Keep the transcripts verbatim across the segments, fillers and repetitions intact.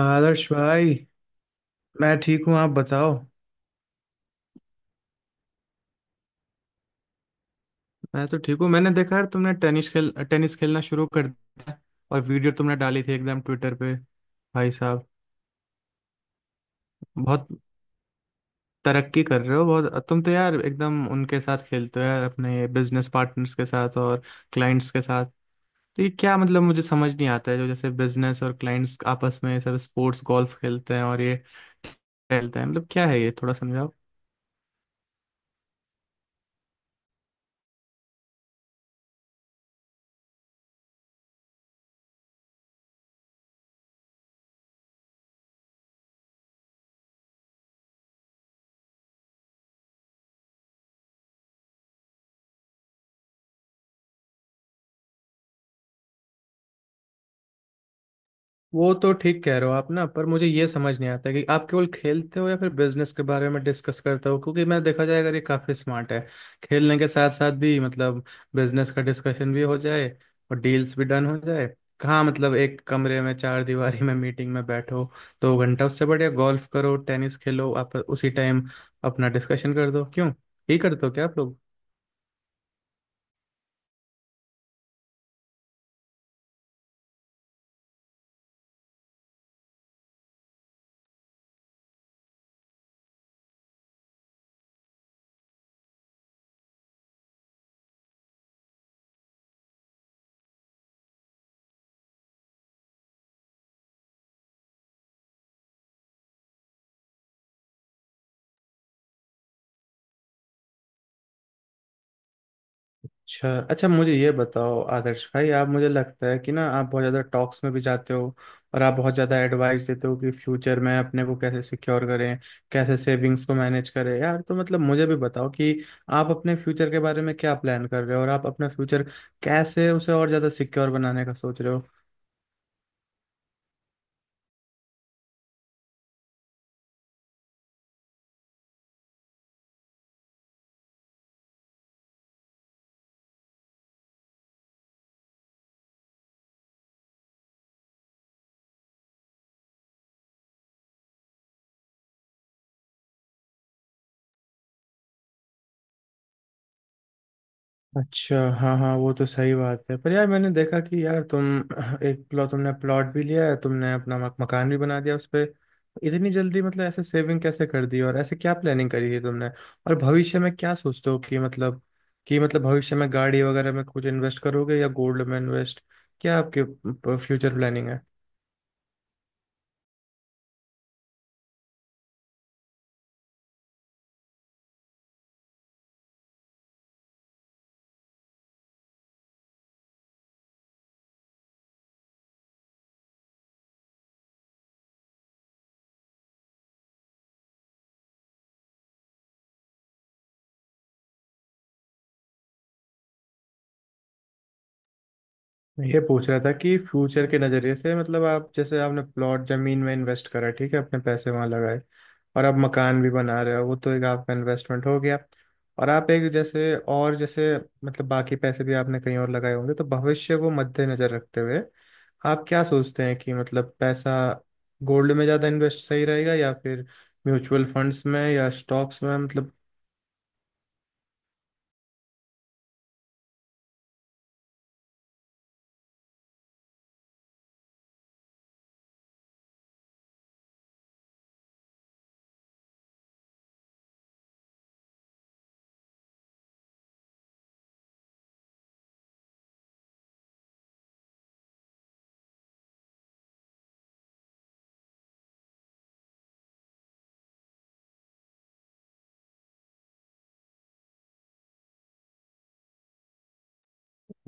आदर्श भाई, मैं ठीक हूँ, आप बताओ। मैं तो ठीक हूँ। मैंने देखा यार, तुमने टेनिस खेल टेनिस खेलना शुरू कर दिया और वीडियो तुमने डाली थी एकदम ट्विटर पे, भाई साहब। बहुत तरक्की कर रहे हो बहुत तुम तो यार, एकदम उनके साथ खेलते हो यार, अपने बिजनेस पार्टनर्स के साथ और क्लाइंट्स के साथ। तो ये क्या मतलब, मुझे समझ नहीं आता है, जो जैसे बिजनेस और क्लाइंट्स आपस में ये सब स्पोर्ट्स गोल्फ खेलते हैं और ये खेलते हैं, मतलब क्या है ये थोड़ा समझाओ। वो तो ठीक कह रहे हो आप, ना, पर मुझे ये समझ नहीं आता कि आप केवल खेलते हो या फिर बिजनेस के बारे में डिस्कस करते हो, क्योंकि मैं, देखा जाए अगर, ये काफी स्मार्ट है, खेलने के साथ साथ भी मतलब बिजनेस का डिस्कशन भी हो जाए और डील्स भी डन हो जाए। कहाँ मतलब एक कमरे में चार दीवारी में मीटिंग में बैठो दो घंटा, उससे बढ़िया गोल्फ करो, टेनिस खेलो, आप उसी टाइम अपना डिस्कशन कर दो, क्यों? यही करते हो क्या आप लोग? अच्छा अच्छा, मुझे ये बताओ आदर्श भाई, आप, मुझे लगता है कि ना, आप बहुत ज़्यादा टॉक्स में भी जाते हो और आप बहुत ज़्यादा एडवाइस देते हो कि फ्यूचर में अपने को कैसे सिक्योर करें, कैसे सेविंग्स को मैनेज करें। यार, तो मतलब मुझे भी बताओ कि आप अपने फ्यूचर के बारे में क्या प्लान कर रहे हो और आप अपना फ्यूचर कैसे उसे और ज़्यादा सिक्योर बनाने का सोच रहे हो। अच्छा, हाँ हाँ, वो तो सही बात है, पर यार मैंने देखा कि यार तुम एक प्लॉट, तुमने प्लॉट भी लिया है, तुमने अपना मक, मकान भी बना दिया उस पे। इतनी जल्दी मतलब ऐसे सेविंग कैसे कर दी और ऐसे क्या प्लानिंग करी है तुमने और भविष्य में क्या सोचते हो? कि मतलब कि मतलब भविष्य में गाड़ी वगैरह में कुछ इन्वेस्ट करोगे या गोल्ड में इन्वेस्ट, क्या आपके फ्यूचर प्लानिंग है? मैं ये पूछ रहा था कि फ्यूचर के नज़रिए से, मतलब आप जैसे आपने प्लॉट, जमीन में इन्वेस्ट करा, ठीक है, अपने पैसे वहाँ लगाए, और आप मकान भी बना रहे हो, वो तो एक आपका इन्वेस्टमेंट हो गया। और आप एक, जैसे और जैसे, मतलब बाकी पैसे भी आपने कहीं और लगाए होंगे, तो भविष्य को मद्देनजर रखते हुए आप क्या सोचते हैं कि मतलब पैसा गोल्ड में ज़्यादा इन्वेस्ट सही रहेगा या फिर म्यूचुअल फंड्स में या स्टॉक्स में, मतलब?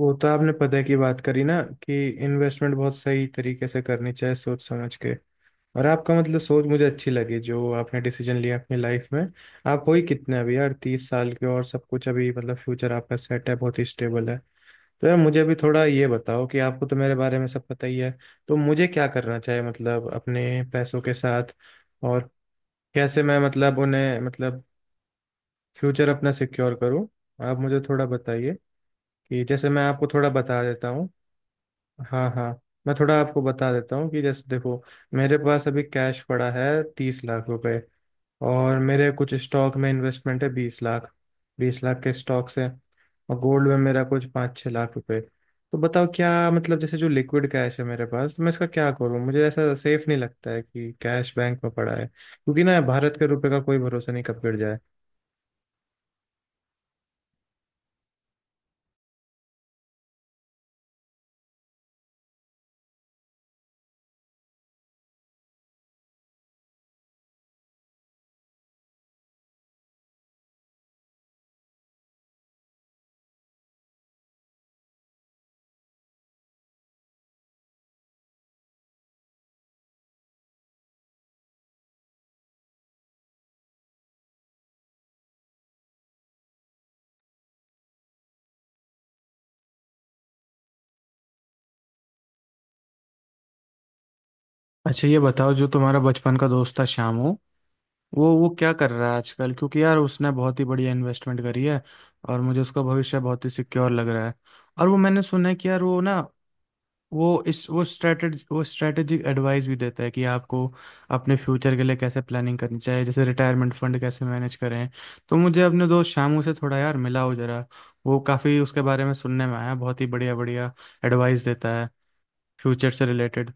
वो तो आपने पता की बात करी ना कि इन्वेस्टमेंट बहुत सही तरीके से करनी चाहिए, सोच समझ के। और आपका, मतलब सोच मुझे अच्छी लगी, जो आपने डिसीजन लिया अपनी लाइफ में। आप हो ही कितने अभी, यार तीस साल के, और सब कुछ अभी मतलब फ्यूचर आपका सेट है, बहुत ही स्टेबल है। तो यार मुझे अभी थोड़ा ये बताओ कि आपको तो मेरे बारे में सब पता ही है, तो मुझे क्या करना चाहिए मतलब अपने पैसों के साथ, और कैसे मैं मतलब उन्हें, मतलब फ्यूचर अपना सिक्योर करूँ। आप मुझे थोड़ा बताइए कि जैसे मैं आपको थोड़ा बता देता हूँ। हाँ हाँ, मैं थोड़ा आपको बता देता हूँ कि जैसे देखो, मेरे पास अभी कैश पड़ा है तीस लाख रुपए, और मेरे कुछ स्टॉक में इन्वेस्टमेंट है बीस लाख, बीस लाख के स्टॉक्स है। और गोल्ड में मेरा कुछ पाँच छः लाख रुपए। तो बताओ क्या मतलब, जैसे जो लिक्विड कैश है मेरे पास, तो मैं इसका क्या करूँ? मुझे ऐसा सेफ नहीं लगता है कि कैश बैंक में पड़ा है, क्योंकि ना, भारत के रुपए का कोई भरोसा नहीं, कब गिर जाए। अच्छा, ये बताओ, जो तुम्हारा बचपन का दोस्त था श्यामू, वो वो क्या कर रहा है आजकल? क्योंकि यार उसने बहुत ही बढ़िया इन्वेस्टमेंट करी है, और मुझे उसका भविष्य बहुत ही सिक्योर लग रहा है, और वो मैंने सुना है कि यार वो ना, वो इस वो स्ट्रेटेजी वो स्ट्रेटेजिक एडवाइस भी देता है कि आपको अपने फ्यूचर के लिए कैसे प्लानिंग करनी चाहिए, जैसे रिटायरमेंट फंड कैसे मैनेज करें। तो मुझे अपने दोस्त शामू से थोड़ा यार मिलाओ जरा, वो काफ़ी, उसके बारे में सुनने में आया, बहुत ही बढ़िया बढ़िया एडवाइस देता है फ्यूचर से रिलेटेड।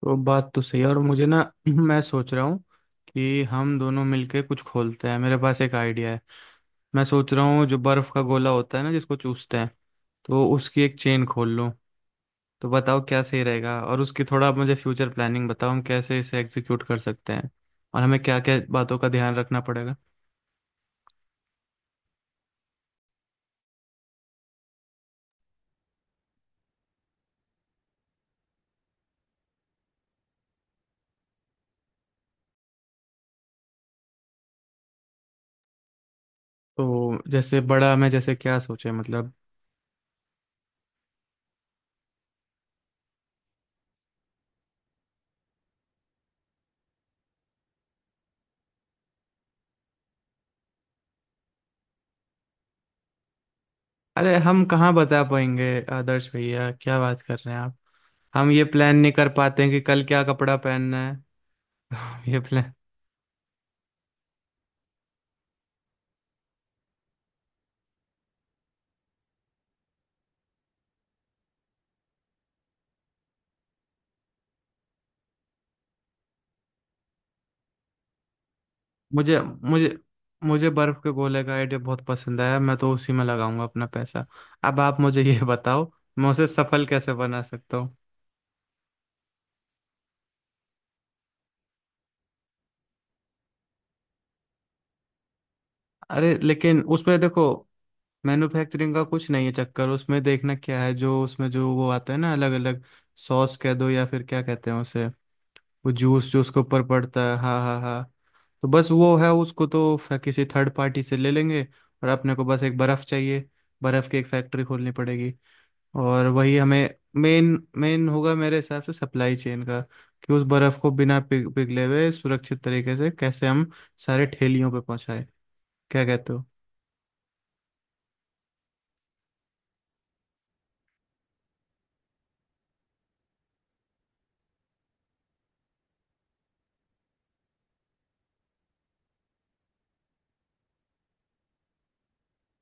तो बात तो सही है। और मुझे ना मैं सोच रहा हूँ कि हम दोनों मिलके कुछ खोलते हैं, मेरे पास एक आइडिया है। मैं सोच रहा हूँ जो बर्फ़ का गोला होता है ना, जिसको चूसते हैं, तो उसकी एक चेन खोल लूं। तो बताओ क्या सही रहेगा, और उसकी थोड़ा आप मुझे फ्यूचर प्लानिंग बताओ, हम कैसे इसे एग्जीक्यूट कर सकते हैं और हमें क्या क्या बातों का ध्यान रखना पड़ेगा। तो जैसे बड़ा, हमें जैसे क्या सोचे, मतलब? अरे, हम कहाँ बता पाएंगे आदर्श भैया, क्या बात कर रहे हैं आप! हम ये प्लान नहीं कर पाते हैं कि कल क्या कपड़ा पहनना है। ये प्लान! मुझे मुझे मुझे बर्फ के गोले का आइडिया बहुत पसंद आया, मैं तो उसी में लगाऊंगा अपना पैसा। अब आप मुझे ये बताओ, मैं उसे सफल कैसे बना सकता हूँ? अरे लेकिन उसमें देखो, मैन्युफैक्चरिंग का कुछ नहीं है चक्कर, उसमें देखना क्या है, जो उसमें जो वो आता है ना, अलग अलग सॉस कह दो या फिर क्या कहते हैं उसे, वो जूस जो उसके ऊपर पड़ता है, हाँ हाँ हाँ। तो बस वो है, उसको तो फ- किसी थर्ड पार्टी से ले लेंगे, और अपने को बस एक बर्फ़ चाहिए, बर्फ़ की एक फैक्ट्री खोलनी पड़ेगी। और वही हमें मेन मेन होगा मेरे हिसाब से, सप्लाई चेन का, कि उस बर्फ़ को बिना पिघ- पिघले हुए, सुरक्षित तरीके से कैसे हम सारे ठेलियों पे पहुंचाएं, क्या कहते हो?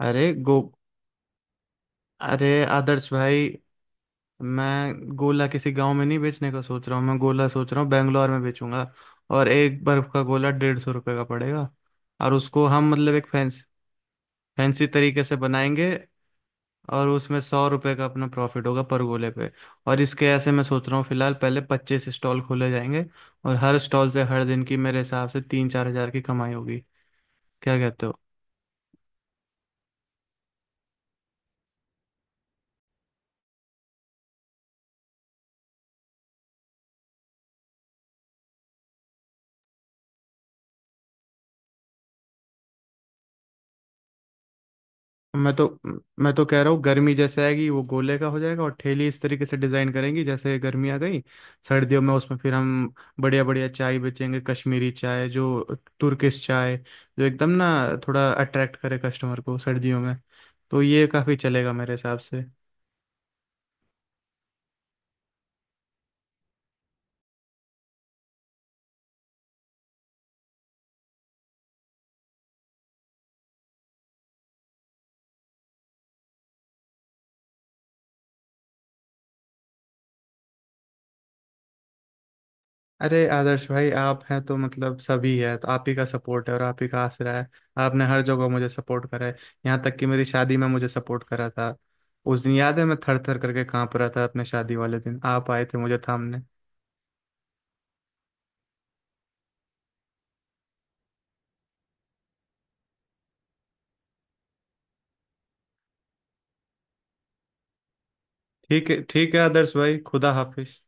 अरे गो अरे आदर्श भाई, मैं गोला किसी गांव में नहीं बेचने का सोच रहा हूँ, मैं गोला सोच रहा हूँ बेंगलोर में बेचूंगा, और एक बर्फ का गोला डेढ़ सौ रुपये का पड़ेगा, और उसको हम मतलब एक फैंस फैंसी तरीके से बनाएंगे। और उसमें सौ रुपये का अपना प्रॉफिट होगा पर गोले पे। और इसके ऐसे मैं सोच रहा हूँ फिलहाल, पहले पच्चीस स्टॉल खोले जाएंगे, और हर स्टॉल से हर दिन की मेरे हिसाब से तीन चार हजार की कमाई होगी, क्या कहते हो? मैं तो मैं तो कह रहा हूँ, गर्मी जैसे आएगी, वो गोले का हो जाएगा, और ठेली इस तरीके से डिजाइन करेंगी, जैसे गर्मी आ गई। सर्दियों में उसमें फिर हम बढ़िया बढ़िया चाय बेचेंगे, कश्मीरी चाय, जो, तुर्किश चाय, जो एकदम ना थोड़ा अट्रैक्ट करे कस्टमर को सर्दियों में। तो ये काफ़ी चलेगा मेरे हिसाब से। अरे आदर्श भाई, आप हैं तो मतलब सभी है, तो आप ही का सपोर्ट है और आप ही का आसरा है। आपने हर जगह मुझे सपोर्ट करा है, यहाँ तक कि मेरी शादी में मुझे सपोर्ट करा था। उस दिन याद है, मैं थर थर करके कांप रहा था अपने शादी वाले दिन, आप आए थे मुझे थामने। ठीक है ठीक है, आदर्श भाई, खुदा हाफिज।